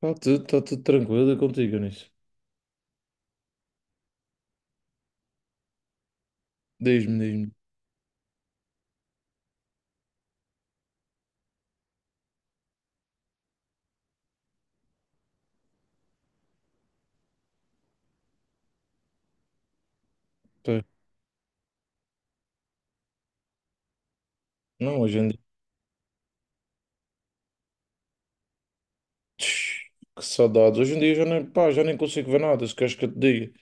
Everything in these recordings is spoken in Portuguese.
Tá tudo tranquilo contigo, nisso. Diz-me, diz-me. Pá, não, hoje em dia. Tch, Que saudades. Hoje em dia já nem, pá, já nem consigo ver nada, se queres que eu te diga.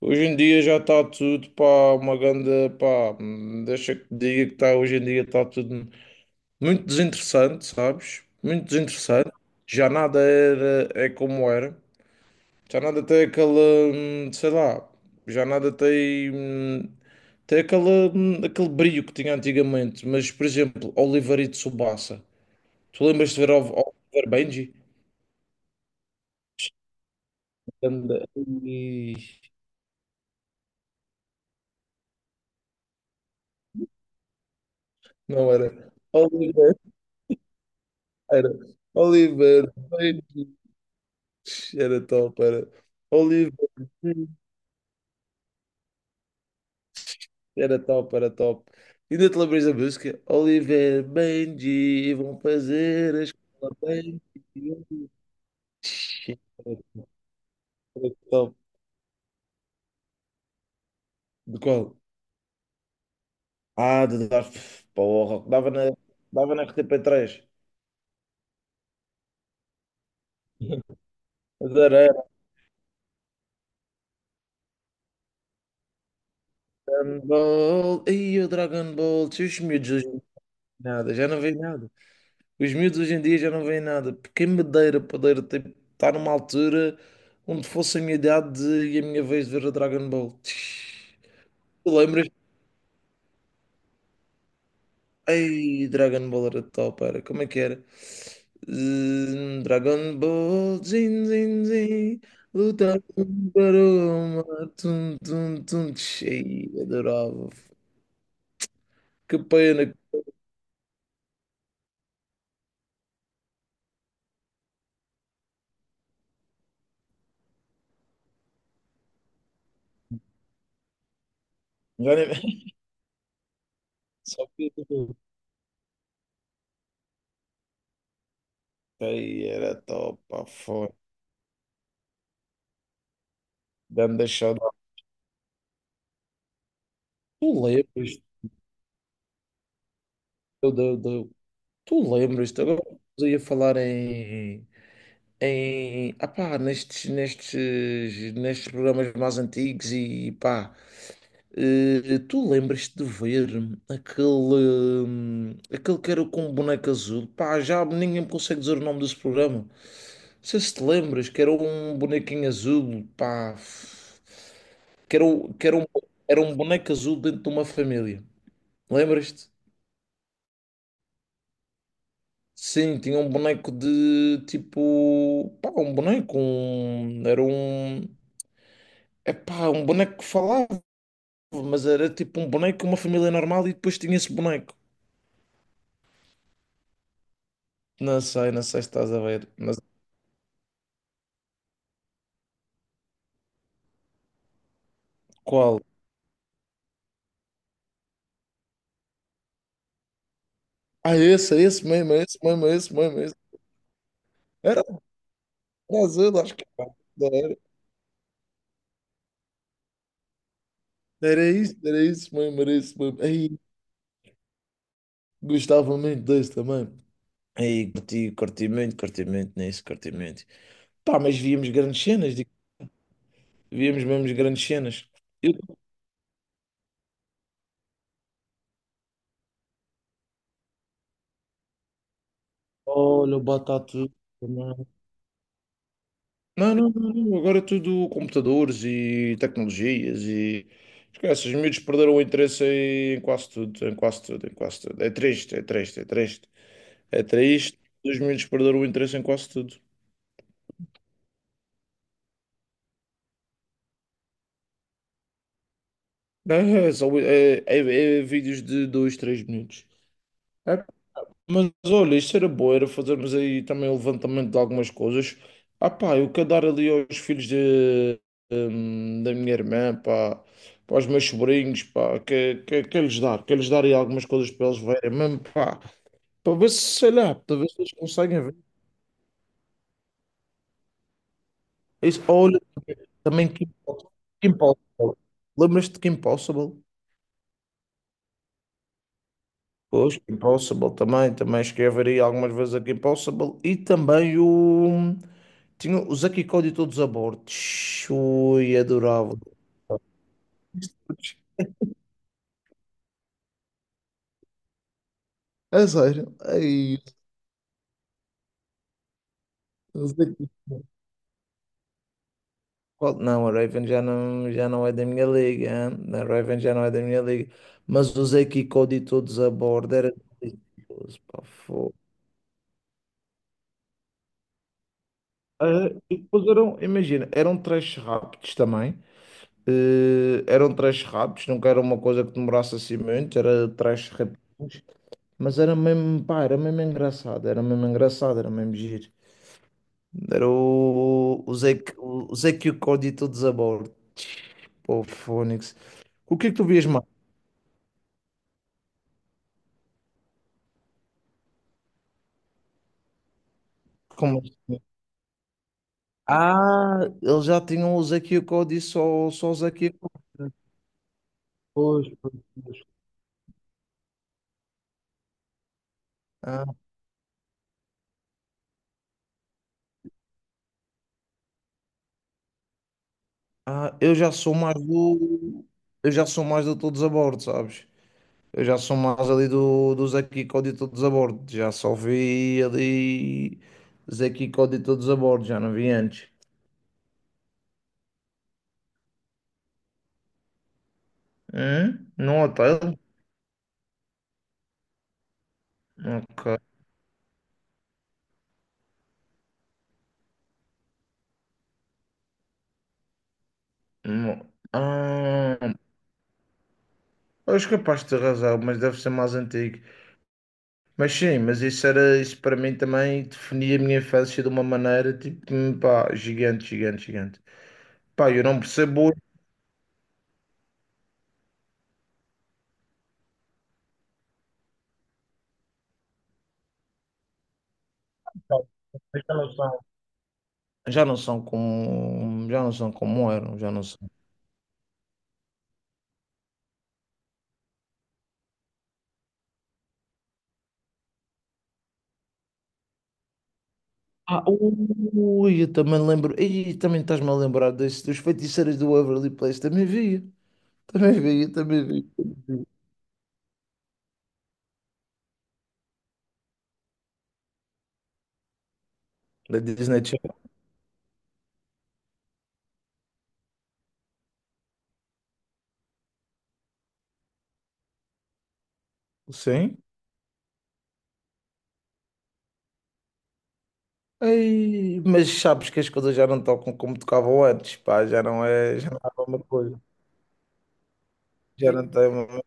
Hoje em dia já está tudo, pá, uma grande, pá, deixa que te diga que está, hoje em dia está tudo muito desinteressante, sabes? Muito desinteressante. Já nada era, é como era. Já nada tem aquela, sei lá, já nada tem, tem aquela, aquele brilho que tinha antigamente. Mas, por exemplo, Oliver e Tsubasa. Tu lembras de ver Oliver Benji? Anda- Ih, Não era. Oliver, era. Oliver Benji. Era top, era. Oliver Benji. Era top, era top. Ainda te lembras da música? Oliver Benji vão fazer a escola Benji. Shit, então. De qual? Ah, de dar porra. Dava na RTP3. Dragon Ball. Ei, o Dragon Ball. Se os miúdos hoje em dia nada, já não veem nada. Os miúdos hoje em dia já não veem nada. Porque me dera poder tipo, estar numa altura onde fosse a minha idade e a minha vez de ver o Dragon Ball. Tu lembras? Ei, Dragon Ball era top, era. Como é que era? Dragon Ball, Jin, Jin, Jin, luta para o mar, tum, tum, tum, cheio, adorava. Que pena. Já nem- Só que tipo, era top, pá, foi. Ganda saudade. Tu lembras? Eu, eu, eu, tu lembras? Agora eu ia falar em ah pá, nestes programas mais antigos e pá. Tu lembras-te de ver aquele, que era com um boneco azul? Pá, já ninguém me consegue dizer o nome desse programa. Não sei se te lembras, que era um bonequinho azul, pá, que era, que era um boneco azul dentro de uma família. Lembras-te? Sim, tinha um boneco de tipo, pá, um boneco, um, era um, é pá, um boneco que falava, mas era tipo um boneco, uma família normal e depois tinha esse boneco. Não sei se estás a ver, mas qual? Ah, esse, é esse mesmo, é esse mesmo, é esse mesmo, é esse. Era do Brasil, acho que era. Era Era isso, era isso mesmo, era isso mesmo. Aí, gostava muito desse também. Aí, curti, curti muito nisso, curti muito. Pá, mas víamos grandes cenas, digo, víamos mesmo grandes cenas. Eu, olha, o Batata, não, não, não, não, agora é tudo computadores e tecnologias e esquece, os miúdos perderam o interesse em quase tudo, em quase tudo, em quase tudo. É triste, é triste, é triste. É triste, os miúdos perderam o interesse em quase tudo. É, é vídeos de dois três minutos. É. Mas olha, isto era bom, era fazermos aí também o levantamento de algumas coisas. Ah pá, eu quero dar ali aos filhos de, da minha irmã, pá, para os meus sobrinhos, pá, que lhes dar aí algumas coisas para eles verem, mesmo, pá, para ver se, sei lá, para ver se eles conseguem ver. É isso, olha, também Kim Possible. Kim Possible. Lembras-te de Kim Possible? Pois, Kim Possible também, também escreveria algumas vezes a Kim Possible e também o. Tinha o Zack e Cody todos a bordo. Ui, adorava. A sério. Ai, o Zack e Cody. Não, a Raven já não é da minha liga. Hein? A Raven já não é da minha liga. Mas o Zack e Cody todos a bordo era delicioso, pá, fogo. Ah, e depois eram, imagina, eram trash rápidos também. Eram trash rápidos, nunca era uma coisa que demorasse assim muito, era trash rápidos. Mas era mesmo, pá, era mesmo engraçado, era mesmo engraçado, era mesmo giro. Era o Zé que o Código todos a bordo. Pô, Fónix. O que é que tu vias mais? Como assim? Ah, eles já tinham o Zé que o Código só o Zé que o. Pois, pois, pois. Ah, eu já sou mais do. Eu já sou mais do todos a bordo, sabes? Eu já sou mais ali do Zé que o Código todos a bordo. Já só vi ali Zé que o Código todos a bordo, já não vi antes. Hum? Num hotel? Ok. Hum, Ah, eu acho capaz de ter razão, mas deve ser mais antigo. Mas sim, mas isso era, isso para mim também definia a minha infância de uma maneira tipo, pá, gigante, gigante, gigante. Pá, eu não percebo hoje, pá, mas já não são como, já não são como eram, já não são. Ah, ui, eu também lembro, e também estás-me a lembrar desse, dos feiticeiros do Waverly Place, também via, também via, também via. Da Disney Channel, sim. Ei, mas sabes que as coisas já não tocam como tocavam antes, pá, já não é a mesma coisa, já não tem o mesmo.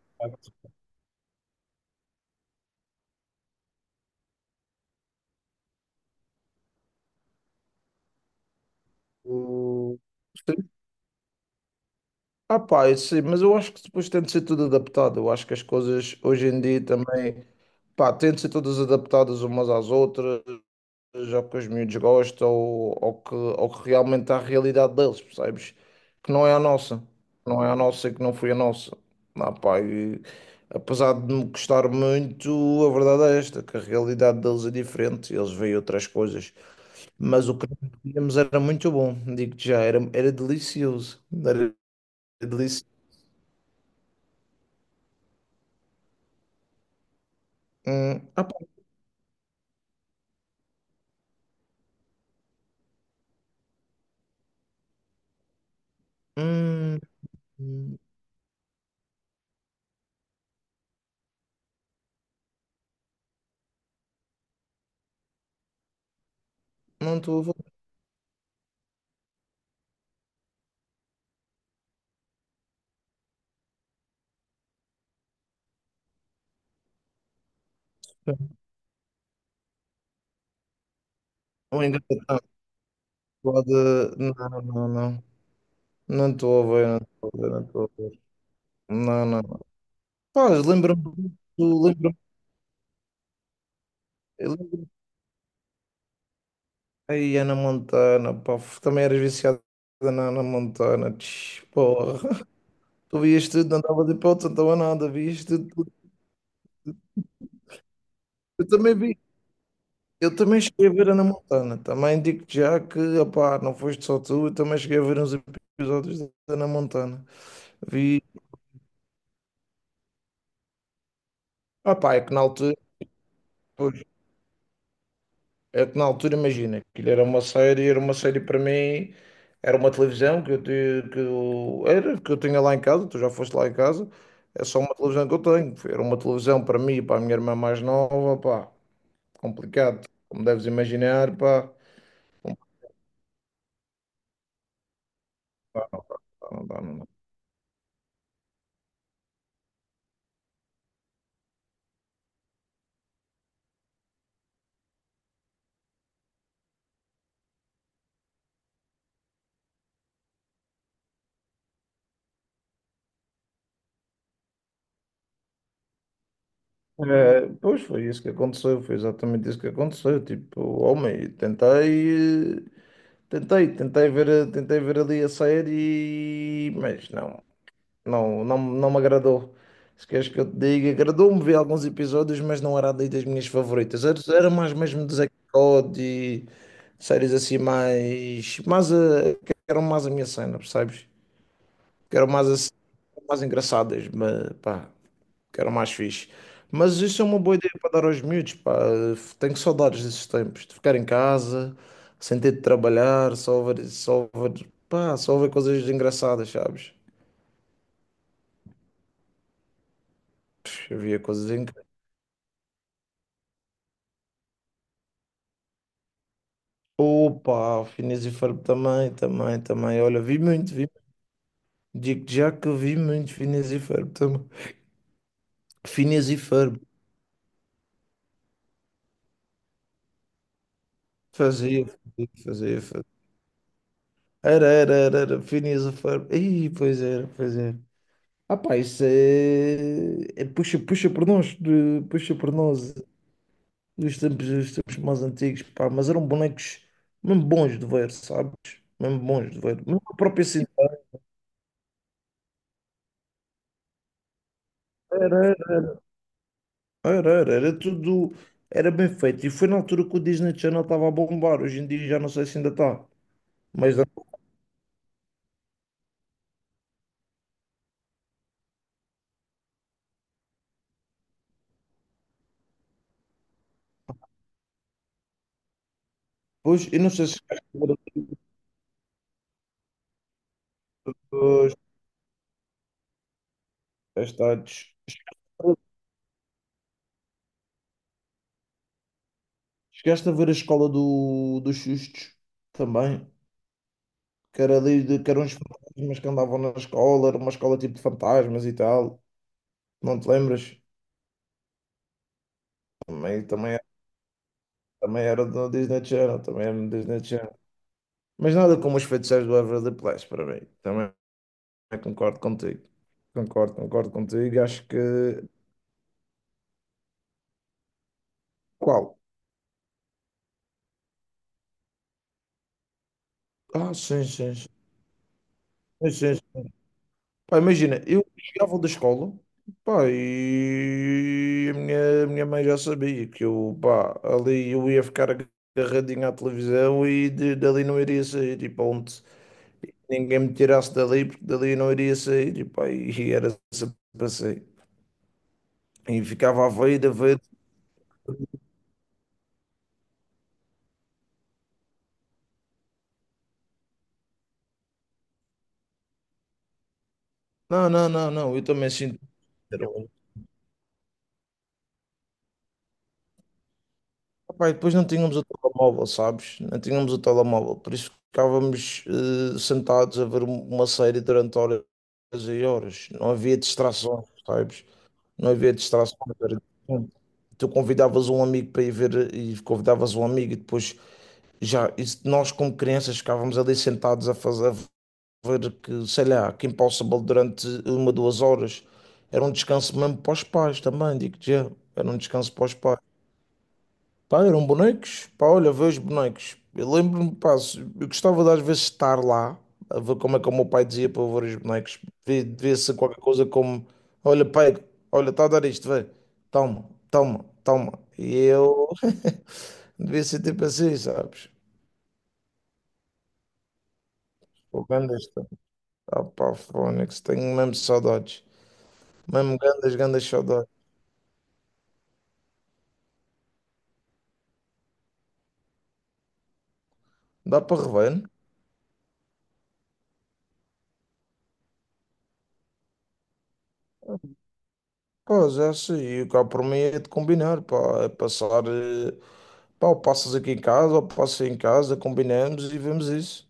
Sim. Ah, pá, eu sei, mas eu acho que depois tem de ser tudo adaptado. Eu acho que as coisas hoje em dia também, pá, têm de ser todas adaptadas umas às outras, ao que os miúdos gostam ou ao que realmente é a realidade deles, percebes? Que não é a nossa, não é a nossa e que não foi a nossa. Ah, pá, e, apesar de me gostar muito, a verdade é esta, que a realidade deles é diferente, eles veem outras coisas. Mas o que nós víamos era muito bom, digo-te já, era delicioso, era delicioso. Hum, ah, pá, hum, hum, não estou a ver. O engravatado pode. Não, não, não. Não estou a ver, não estou a ver, não estou a ver. Não, não. Pá, lembro-me do. Lembro-me. eu lembro-me- Ai, Ana Montana, pá, também eras viciada na Ana Montana, porra. Tu vias tudo, não dava de hipótese, não dava nada, vias tudo. Eu também vi, eu também cheguei a ver Ana Montana. Também digo-te já que, opá, não foste só tu, eu também cheguei a ver uns episódios da Ana Montana. Vi, opá, é que na altura. É que na altura, imagina, que era uma série para mim, era uma televisão que eu, era, que eu tinha lá em casa, tu já foste lá em casa, é só uma televisão que eu tenho. Era uma televisão para mim e para a minha irmã mais nova, pá, complicado, como deves imaginar, pá. Não dá, não dá, não dá. É, pois foi isso que aconteceu, foi exatamente isso que aconteceu. Tipo, homem, tentei ver ali a série, mas não. Não, não, não me agradou. Se queres que eu te diga, agradou-me ver alguns episódios, mas não era ali das minhas favoritas. Era mais mesmo de Zack Code e séries assim mais, que eram mais a minha cena, percebes? Que eram mais assim, mais engraçadas, mas pá, que eram mais fixe. Mas isso é uma boa ideia para dar aos miúdos, pá. Tenho saudades desses tempos, de ficar em casa, sem ter de trabalhar, só ver, pá, só ver coisas engraçadas, sabes? Havia coisas incríveis. Opa, o Phineas e Ferb também, também, também. Olha, vi muito, vi. Digo já que eu vi muito Phineas e Ferb também. Phineas e Ferb. Fazia, fazia, fazia. Era, era, era, era. Phineas e Ferb. Pois era, pois era. Ah pá, isso é puxa, puxa por nós. Puxa por nós. Dos tempos mais antigos, pá. Mas eram bonecos mesmo bons de ver, sabes? Mesmo bons de ver. Mesmo a própria cidade. Era, era, era tudo, era bem feito. E foi na altura que o Disney Channel estava a bombar. Hoje em dia já não sei se ainda está. Mas depois, eu não sei se as chegaste a ver a escola dos sustos também, que era, que eram uns fantasmas que andavam na escola, era uma escola tipo de fantasmas e tal. Não te lembras? Também, também, também era do Disney Channel, também era do Disney Channel. Mas nada como os feiticeiros do Waverly Place para mim. Também. Eu concordo contigo. Concordo, concordo contigo. Acho que. Qual? Ah, sim, sim, sim. Sim, sim, sim. Pá, imagina, eu chegava da escola, pá, e a minha mãe já sabia que eu, pá, ali eu ia ficar agarradinho à televisão e dali não iria sair. E pronto, ninguém me tirasse dali, porque dali eu não iria sair. E, pá, e era sempre assim. E ficava a ver, a ver. Não, não, não, não, eu também sinto. Pá, e depois não tínhamos o telemóvel, sabes? Não tínhamos o telemóvel, por isso ficávamos sentados a ver uma série durante horas e horas. Não havia distrações, sabes? Não havia distrações. Era diferente. Tu convidavas um amigo para ir ver e convidavas um amigo e depois nós como crianças ficávamos ali sentados a fazer a ver que, sei lá, que Impossible durante uma, 2 horas. Era um descanso mesmo para os pais também, digo-te já. Era um descanso para os pais. Pá, eram bonecos. Pá, olha, vê os bonecos. Eu lembro-me, pá, eu gostava de às vezes estar lá, a ver como é que o meu pai dizia para eu ver os bonecos. Devia ser qualquer coisa como: olha, pai, olha, está a dar isto, vê, toma, toma, toma. E eu devia ser tipo assim, sabes? O Gandas, ah, pá, Fónix, tenho mesmo saudades. Mesmo Gandas, Gandas saudades. Dá para rever, né? Pá, já sei, e cá por mim é de combinar, pá, é passar. Pá, ou passas aqui em casa, ou passas aí em casa, combinamos e vemos isso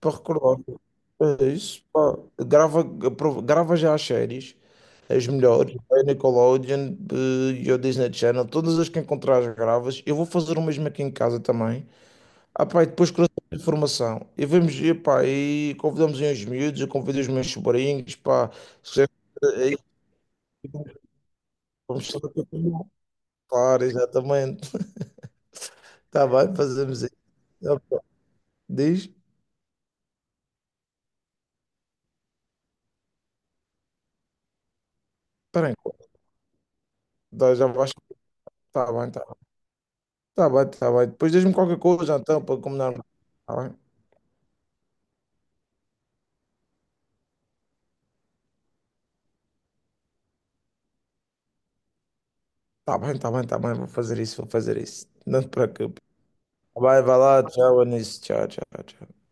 para recordar. É isso, pá. Grava já as séries, as melhores, a Nickelodeon e o Disney Channel, todas as que encontrares gravas. Eu vou fazer o mesmo aqui em casa também. Ah, pá, e depois cruzamos a informação. E vamos, e, pá, e convidamos aí os miúdos, eu convido os meus sobrinhos, pá. Se quiser, aí vamos fazer o que eu tenho. Claro, exatamente. Está bem, fazemos isso. Ah, pá, diz, espera aí. Dá, já vais. Tá bem, tá, bem, tá bem, tá bem. Depois diz-me qualquer coisa, então, para combinar. Tá bem, tá bem, tá bem, tá bem. Vou fazer isso, vou fazer isso. Não te preocupes. Vai, vai lá, tchau, Anísio. Tchau, tchau, tchau.